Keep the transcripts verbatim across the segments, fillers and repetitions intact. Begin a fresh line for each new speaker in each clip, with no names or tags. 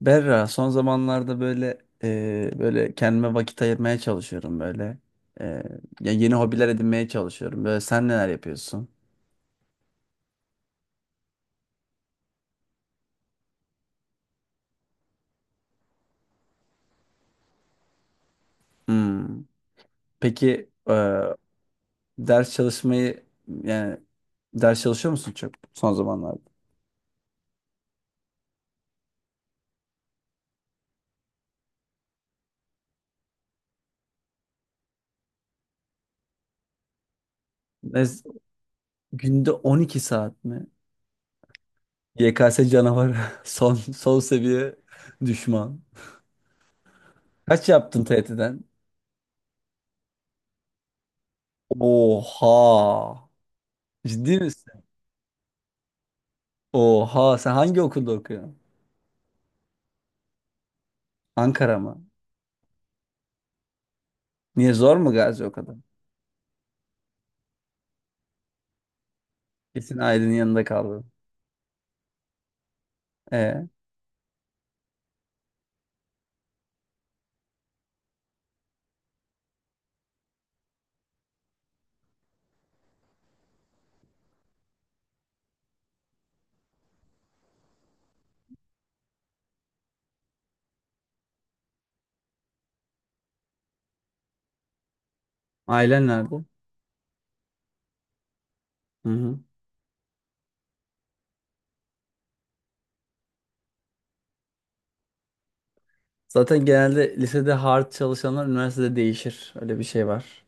Berra, son zamanlarda böyle e, böyle kendime vakit ayırmaya çalışıyorum böyle. E, ya yeni hobiler edinmeye çalışıyorum. Böyle sen neler yapıyorsun? Hmm. Peki e, ders çalışmayı yani ders çalışıyor musun çok son zamanlarda? Ne, günde 12 saat mi? Y K S canavarı son son seviye düşman. Kaç yaptın T Y T'den? Oha. Ciddi misin? Oha sen hangi okulda okuyorsun? Ankara mı? Niye zor mu Gazi o kadar? Kesin ailenin yanında kaldın. E, ailen nerede? Hı hı. Zaten genelde lisede hard çalışanlar üniversitede değişir. Öyle bir şey var.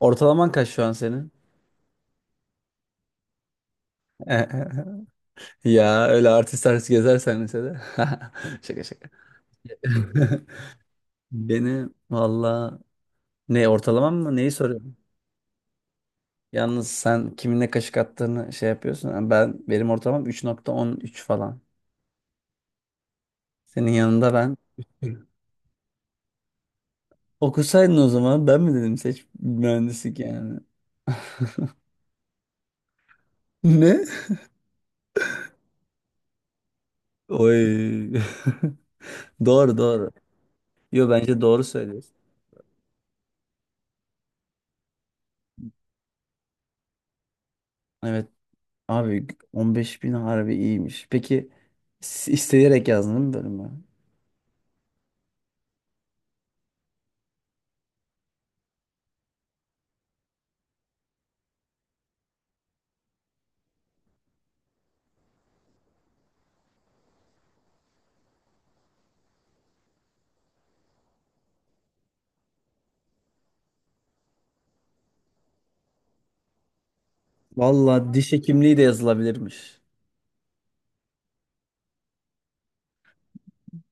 Ortalaman kaç şu an senin? Ya öyle artist artist gezersen lisede. Şaka şaka. Beni valla ne ortalamam mı neyi soruyorum? Yalnız sen kiminle kaşık attığını şey yapıyorsun. Yani ben benim ortalamam üç nokta on üç falan. Senin yanında ben Okusaydın o zaman ben mi dedim seç mühendislik yani. Ne? Oy. Doğru doğru. Yo bence doğru söylüyorsun. Evet abi 15 bin harbi iyiymiş. Peki s- isteyerek yazdın değil mi bölümü? Valla diş hekimliği de yazılabilirmiş.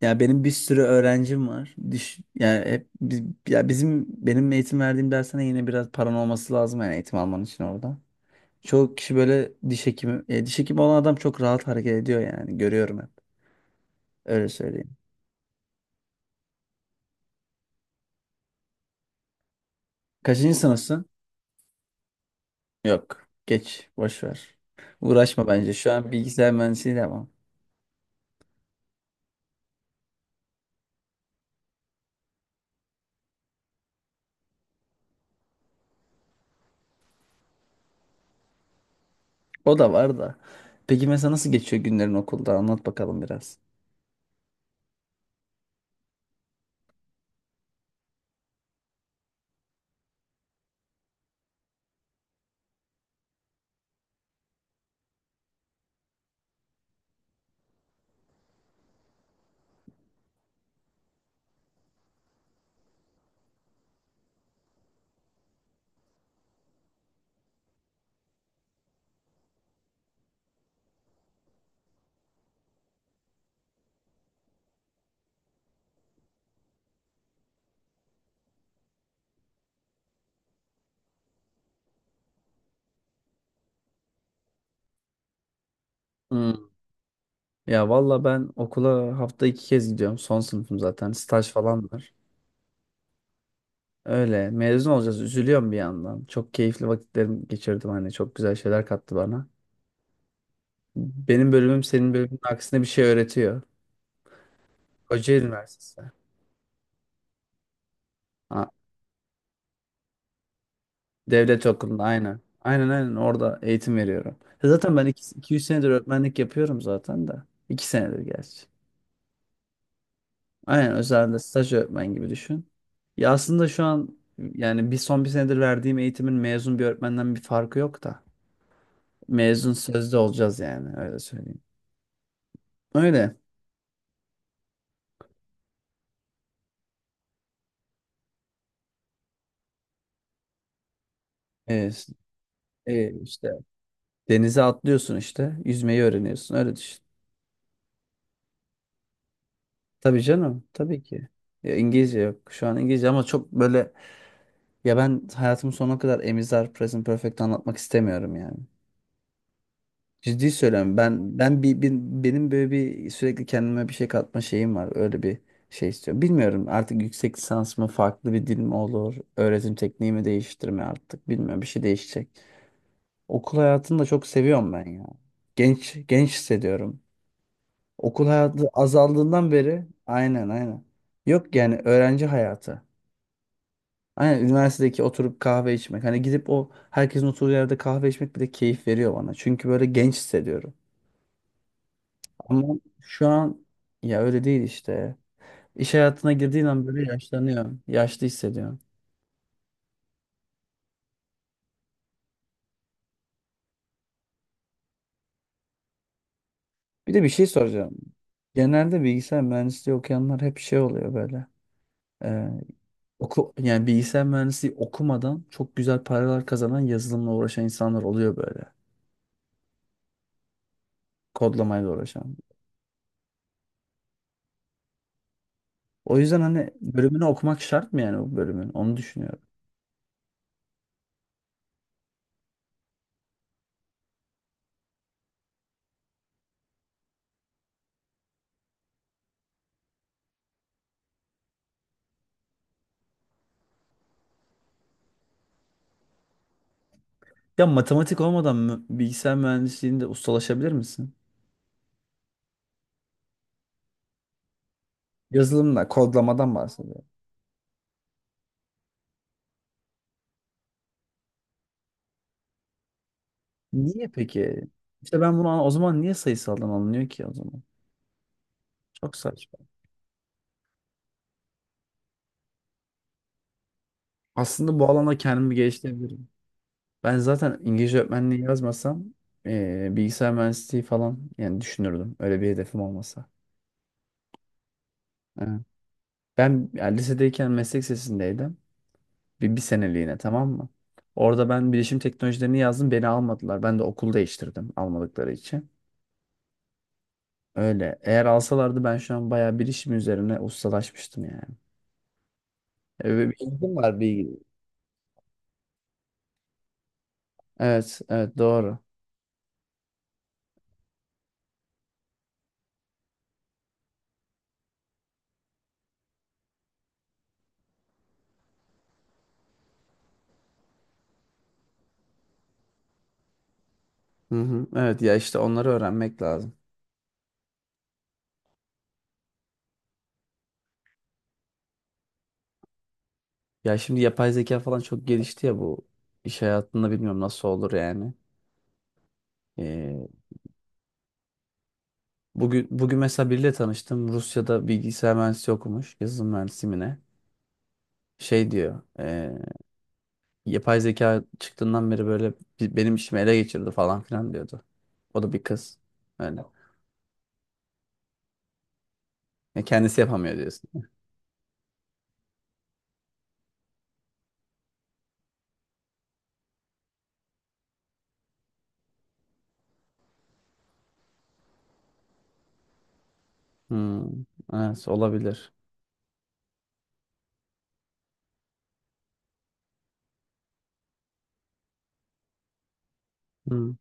Ya benim bir sürü öğrencim var. Diş yani hep bi- ya bizim benim eğitim verdiğim dersine yine biraz paran olması lazım yani eğitim alman için orada. Çoğu kişi böyle diş hekimi. e, diş hekimi olan adam çok rahat hareket ediyor yani. Görüyorum hep. Öyle söyleyeyim. Kaçıncı sınıfsın? Yok. Geç. Boş ver. Uğraşma bence. Şu an bilgisayar mühendisliği de ama. O da var da. Peki mesela nasıl geçiyor günlerin okulda? Anlat bakalım biraz. Hmm. Ya valla ben okula hafta iki kez gidiyorum. Son sınıfım zaten. Staj falan var. Öyle. Mezun olacağız. Üzülüyorum bir yandan. Çok keyifli vakitlerim geçirdim. Hani çok güzel şeyler kattı bana. Benim bölümüm senin bölümün aksine bir şey öğretiyor. Kocaeli Üniversitesi. Ha, devlet okulunda aynen. Aynen aynen orada eğitim veriyorum. E Zaten ben iki yüz senedir öğretmenlik yapıyorum zaten de. iki senedir gerçi. Aynen özelde staj öğretmen gibi düşün. Ya aslında şu an yani bir son bir senedir verdiğim eğitimin mezun bir öğretmenden bir farkı yok da. Mezun sözde olacağız yani öyle söyleyeyim. Öyle. E, e, işte denize atlıyorsun işte yüzmeyi öğreniyorsun öyle düşün. Tabii canım tabii ki. Ya İngilizce yok. Şu an İngilizce ama çok böyle. Ya ben hayatımın sonuna kadar Emizar Present Perfect anlatmak istemiyorum yani. Ciddi söylüyorum. Ben ben bir, bir- benim böyle bir sürekli kendime bir şey katma şeyim var. Öyle bir şey istiyorum. Bilmiyorum artık yüksek lisans mı farklı bir dil mi olur? Öğretim tekniği mi değiştirme artık? Bilmiyorum bir şey değişecek. Okul hayatını da çok seviyorum ben ya. Genç genç hissediyorum. Okul hayatı azaldığından beri aynen aynen. Yok yani öğrenci hayatı. Aynen üniversitedeki oturup kahve içmek. Hani gidip o herkesin oturduğu yerde kahve içmek bile keyif veriyor bana. Çünkü böyle genç hissediyorum. Ama şu an ya öyle değil işte. İş hayatına girdiğin an böyle yaşlanıyor. Yaşlı hissediyorum. Bir de bir şey soracağım. Genelde bilgisayar mühendisliği okuyanlar hep şey oluyor böyle. Ee, oku, yani bilgisayar mühendisliği okumadan çok güzel paralar kazanan yazılımla uğraşan insanlar oluyor böyle. Kodlamayla uğraşan. O yüzden hani bölümünü okumak şart mı yani o bölümün? Onu düşünüyorum. Ya matematik olmadan mı bilgisayar mühendisliğinde ustalaşabilir misin? Yazılımla, kodlamadan bahsediyorum. Niye peki? İşte ben bunu an- o zaman niye sayısaldan alınıyor ki o zaman? Çok saçma. Aslında bu alanda kendimi geliştirebilirim. Ben zaten İngilizce öğretmenliği yazmasam eee, bilgisayar mühendisliği falan yani düşünürdüm. Öyle bir hedefim olmasa. Evet. Ben yani lisedeyken meslek lisesindeydim. Bir, bir seneliğine tamam mı? Orada ben bilişim teknolojilerini yazdım. Beni almadılar. Ben de okul değiştirdim almadıkları için. Öyle. Eğer alsalardı ben şu an bayağı bir işim üzerine ustalaşmıştım yani. Ee, bir ilgim var bir. Evet, evet doğru. Hı hı. Evet ya işte onları öğrenmek lazım. Ya şimdi yapay zeka falan çok gelişti ya bu iş hayatında bilmiyorum nasıl olur yani. Ee, bugün bugün mesela biriyle tanıştım. Rusya'da bilgisayar mühendisi okumuş. Yazılım mühendisi mi ne? Şey diyor. e, yapay zeka çıktığından beri böyle bi- benim işimi ele geçirdi falan filan diyordu. O da bir kız. Öyle. Ya kendisi yapamıyor diyorsun. Hmm, evet olabilir. Hmm,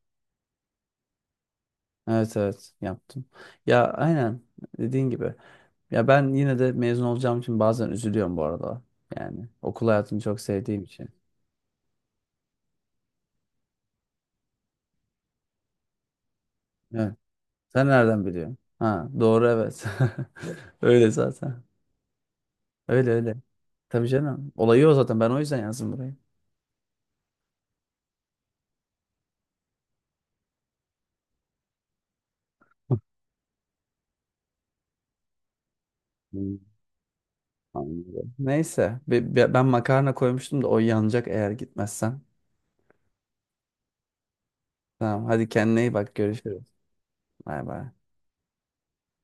evet evet yaptım. Ya aynen dediğin gibi. Ya ben yine de mezun olacağım için bazen üzülüyorum bu arada. Yani okul hayatını çok sevdiğim için. Evet. Sen nereden biliyorsun? Ha doğru evet. Öyle zaten. Öyle öyle. Tabii canım. Olayı o zaten. Ben o yüzden yazdım burayı. Hmm. Anladım. Neyse be- be- ben makarna koymuştum da o yanacak eğer gitmezsen. Tamam hadi kendine iyi bak görüşürüz. Bay bay.